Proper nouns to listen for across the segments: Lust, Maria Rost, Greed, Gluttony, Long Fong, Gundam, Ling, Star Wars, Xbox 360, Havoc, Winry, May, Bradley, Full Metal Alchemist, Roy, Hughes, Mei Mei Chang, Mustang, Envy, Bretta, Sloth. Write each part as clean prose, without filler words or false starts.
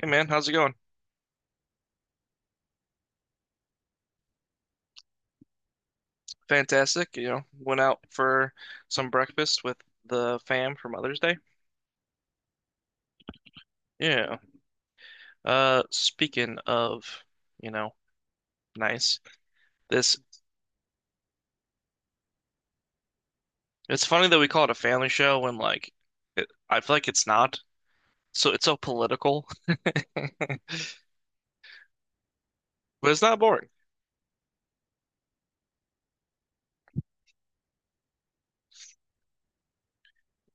Hey man, how's it going? Fantastic. You know, went out for some breakfast with the fam for Mother's Day. Yeah. Speaking of, you know, nice. This It's funny that we call it a family show when I feel like it's not. So it's so political, but it's not boring.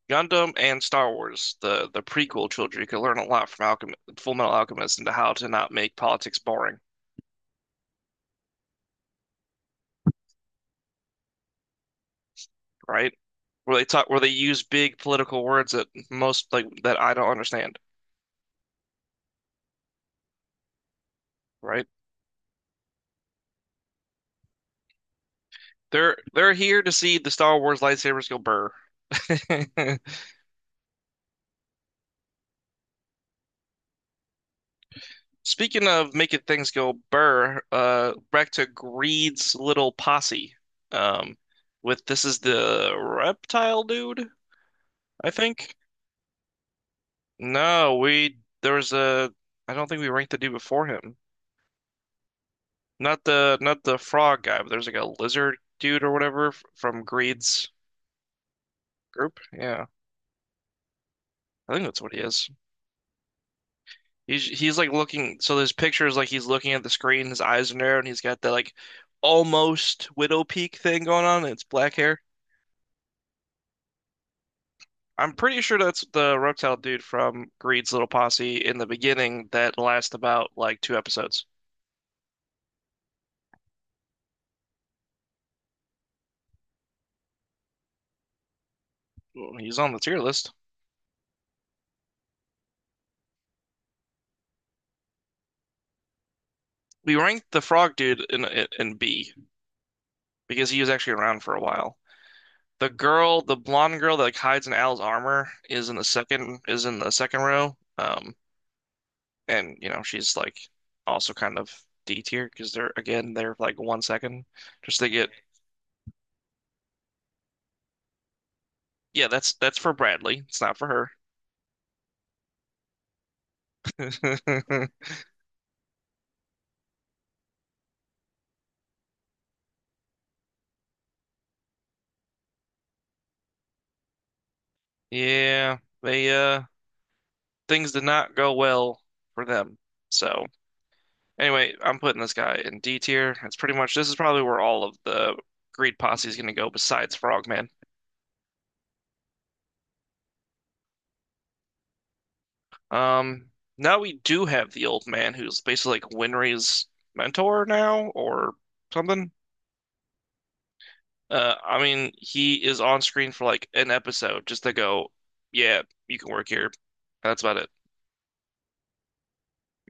Gundam and Star Wars, the prequel trilogy, could learn a lot from Alchem Full Metal Alchemist into how to not make politics boring, right? Where they talk, where they use big political words that most like that I don't understand. Right? They're here to see the Star Wars lightsabers go burr. Speaking of making things go burr, back to Greed's little posse. Um, with This is the reptile dude, I think. No, we there was a I don't think we ranked the dude before him. Not the frog guy, but there's like a lizard dude or whatever from Greed's group. Yeah, I think that's what he is. He's like looking. So there's pictures like he's looking at the screen. His eyes are narrowed, and he's got that like almost widow peak thing going on. And it's black hair. I'm pretty sure that's the reptile dude from Greed's Little Posse in the beginning that lasts about like two episodes. Well, he's on the tier list. We ranked the frog dude in B because he was actually around for a while. The girl, the blonde girl that like hides in Al's armor, is in the second is in the second row. And you know she's like also kind of D tier because they're again they're like one second just to get. Yeah, that's for Bradley, it's not for her. Yeah, they things did not go well for them. So anyway, I'm putting this guy in D tier. That's pretty much, this is probably where all of the greed posse is gonna go besides Frogman. um Now we do have the old man who's basically like Winry's mentor now or something. I mean, he is on screen for like an episode just to go, yeah, you can work here. That's about it.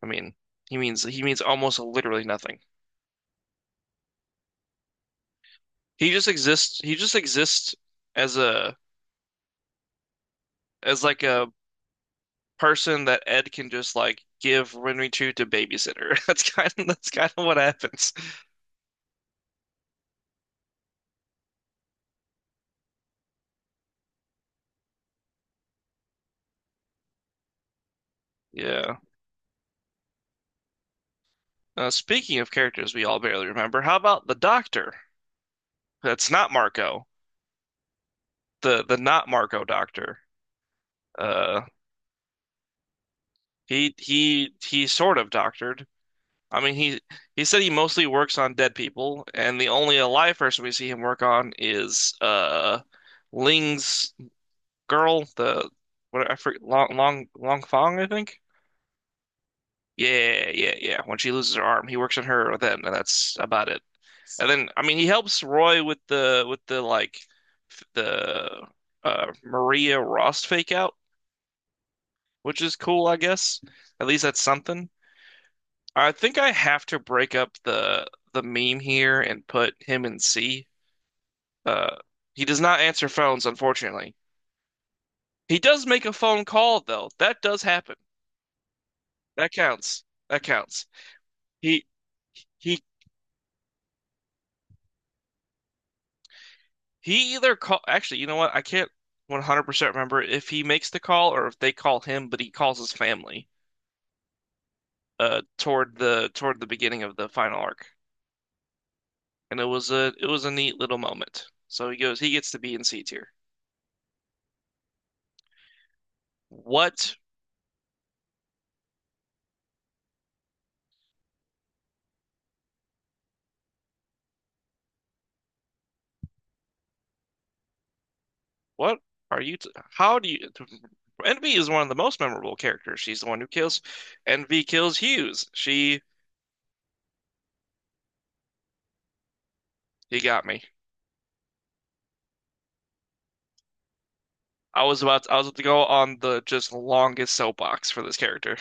I mean, he means almost literally nothing. He just exists. He just exists as a as like a person that Ed can just like give Renry to babysitter. That's kind of what happens. Yeah. Speaking of characters we all barely remember, how about the doctor? That's not Marco. The not Marco doctor. Uh, he sort of doctored. I mean, he said he mostly works on dead people, and the only alive person we see him work on is Ling's girl, the what, I forget, Long Fong, I think. Yeah, yeah, yeah. When she loses her arm, he works on her then, and that's about it. And then, I mean, he helps Roy with the like f- the Maria Rost fake out, which is cool, I guess. At least that's something. I think I have to break up the meme here and put him in C. Uh, he does not answer phones, unfortunately. He does make a phone call though. That does happen. That counts. That counts. He he he either call actually, you know what? I can't 100% remember if he makes the call or if they call him, but he calls his family toward the beginning of the final arc. And it was a neat little moment. So he gets to be in C tier. What What are you? T How do you? Envy is one of the most memorable characters. She's the one who kills. Envy kills Hughes. She He got me. I was about to, I was about to go on the just longest soapbox for this character.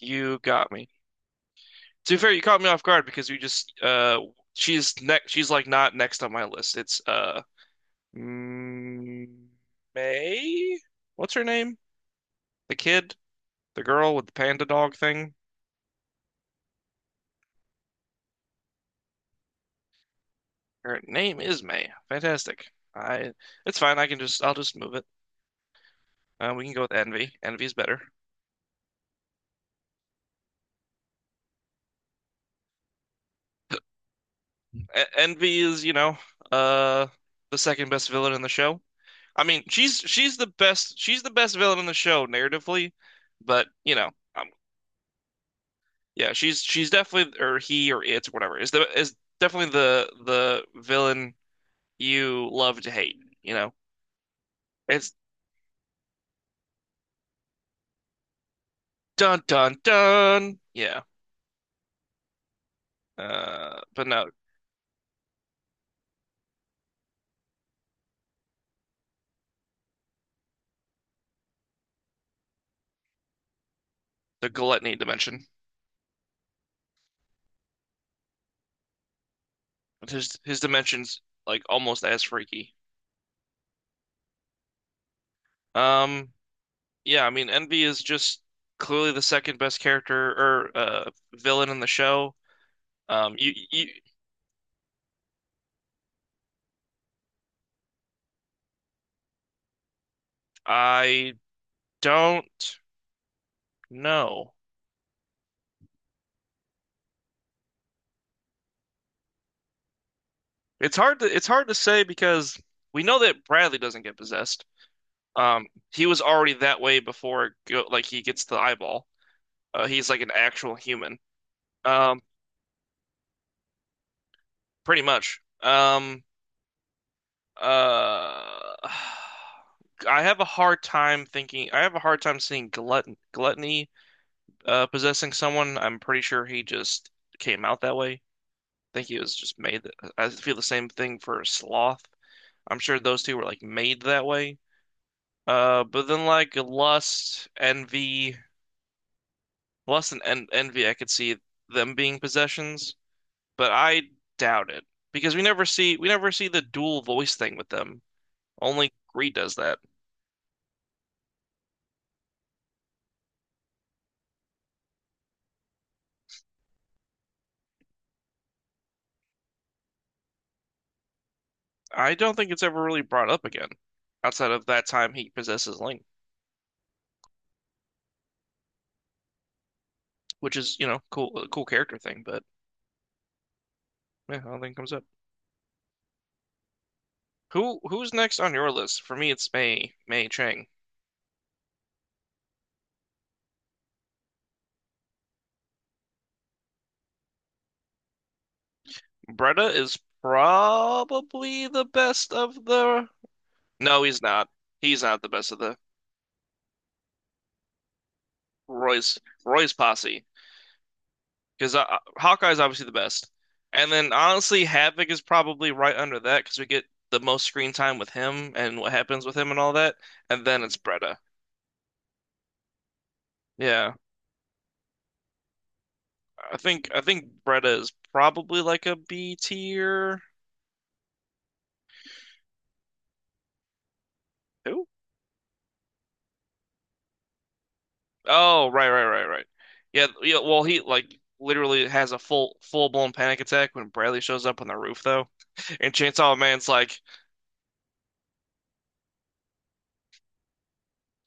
You got me. To be fair, you caught me off guard because you just she's next. She's like not next on my list. Mm, May. What's her name? The kid, the girl with the panda dog thing. Her name is May. Fantastic. I It's fine. I'll just move it. We can go with Envy. Envy is better. Envy is, you know, uh the second best villain in the show. I mean, she's the best villain in the show narratively, but you know, um, yeah, she's definitely, or he or it or whatever, is the is definitely the villain you love to hate, you know. It's dun dun dun. Yeah. But no, the gluttony dimension. His dimensions like almost as freaky. Um, yeah, I mean Envy is just clearly the second best character or villain in the show. You, you I don't know. It's hard to say because we know that Bradley doesn't get possessed. Um, he was already that way before it go, like he gets the eyeball. He's like an actual human. Um, Pretty much. Uh, I have a hard time thinking. I have a hard time seeing gluttony possessing someone. I'm pretty sure he just came out that way. I think he was just made. I feel the same thing for sloth. I'm sure those two were like made that way. But then like lust and en envy, I could see them being possessions, but I doubt it because we never see the dual voice thing with them. Only Greed does that. I don't think it's ever really brought up again, outside of that time he possesses Link, which is, you know, cool, a cool character thing. But yeah, I don't think it comes up. Who's next on your list? For me, it's Mei Chang. Bretta is probably the best of the. No, he's not. He's not the best of the Roy's Roy's posse because Hawkeye's obviously the best, and then honestly, Havoc is probably right under that because we get the most screen time with him and what happens with him and all that, and then it's Bretta. Yeah. I think Bretta is probably like a B tier. Who? Oh, right, right. Yeah, yeah. Well, he like literally has a full blown panic attack when Bradley shows up on the roof, though. And Chainsaw Man's like,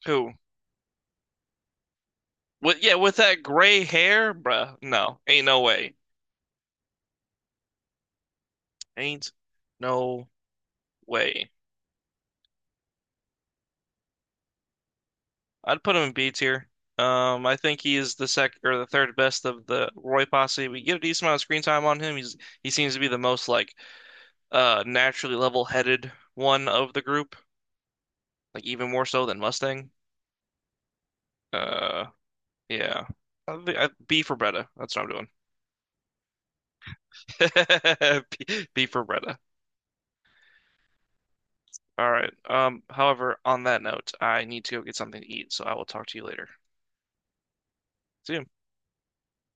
who? With yeah, with that gray hair, bruh. No, ain't no way. Ain't no way. I'd put him in B tier. I think he is the sec or the third best of the Roy posse. We get a decent amount of screen time on him. He seems to be the most like naturally level-headed one of the group, like even more so than Mustang. Uh, yeah. B for Bretta. That's what I'm doing. B for Bretta. All right. However, on that note, I need to go get something to eat, so I will talk to you later. See you.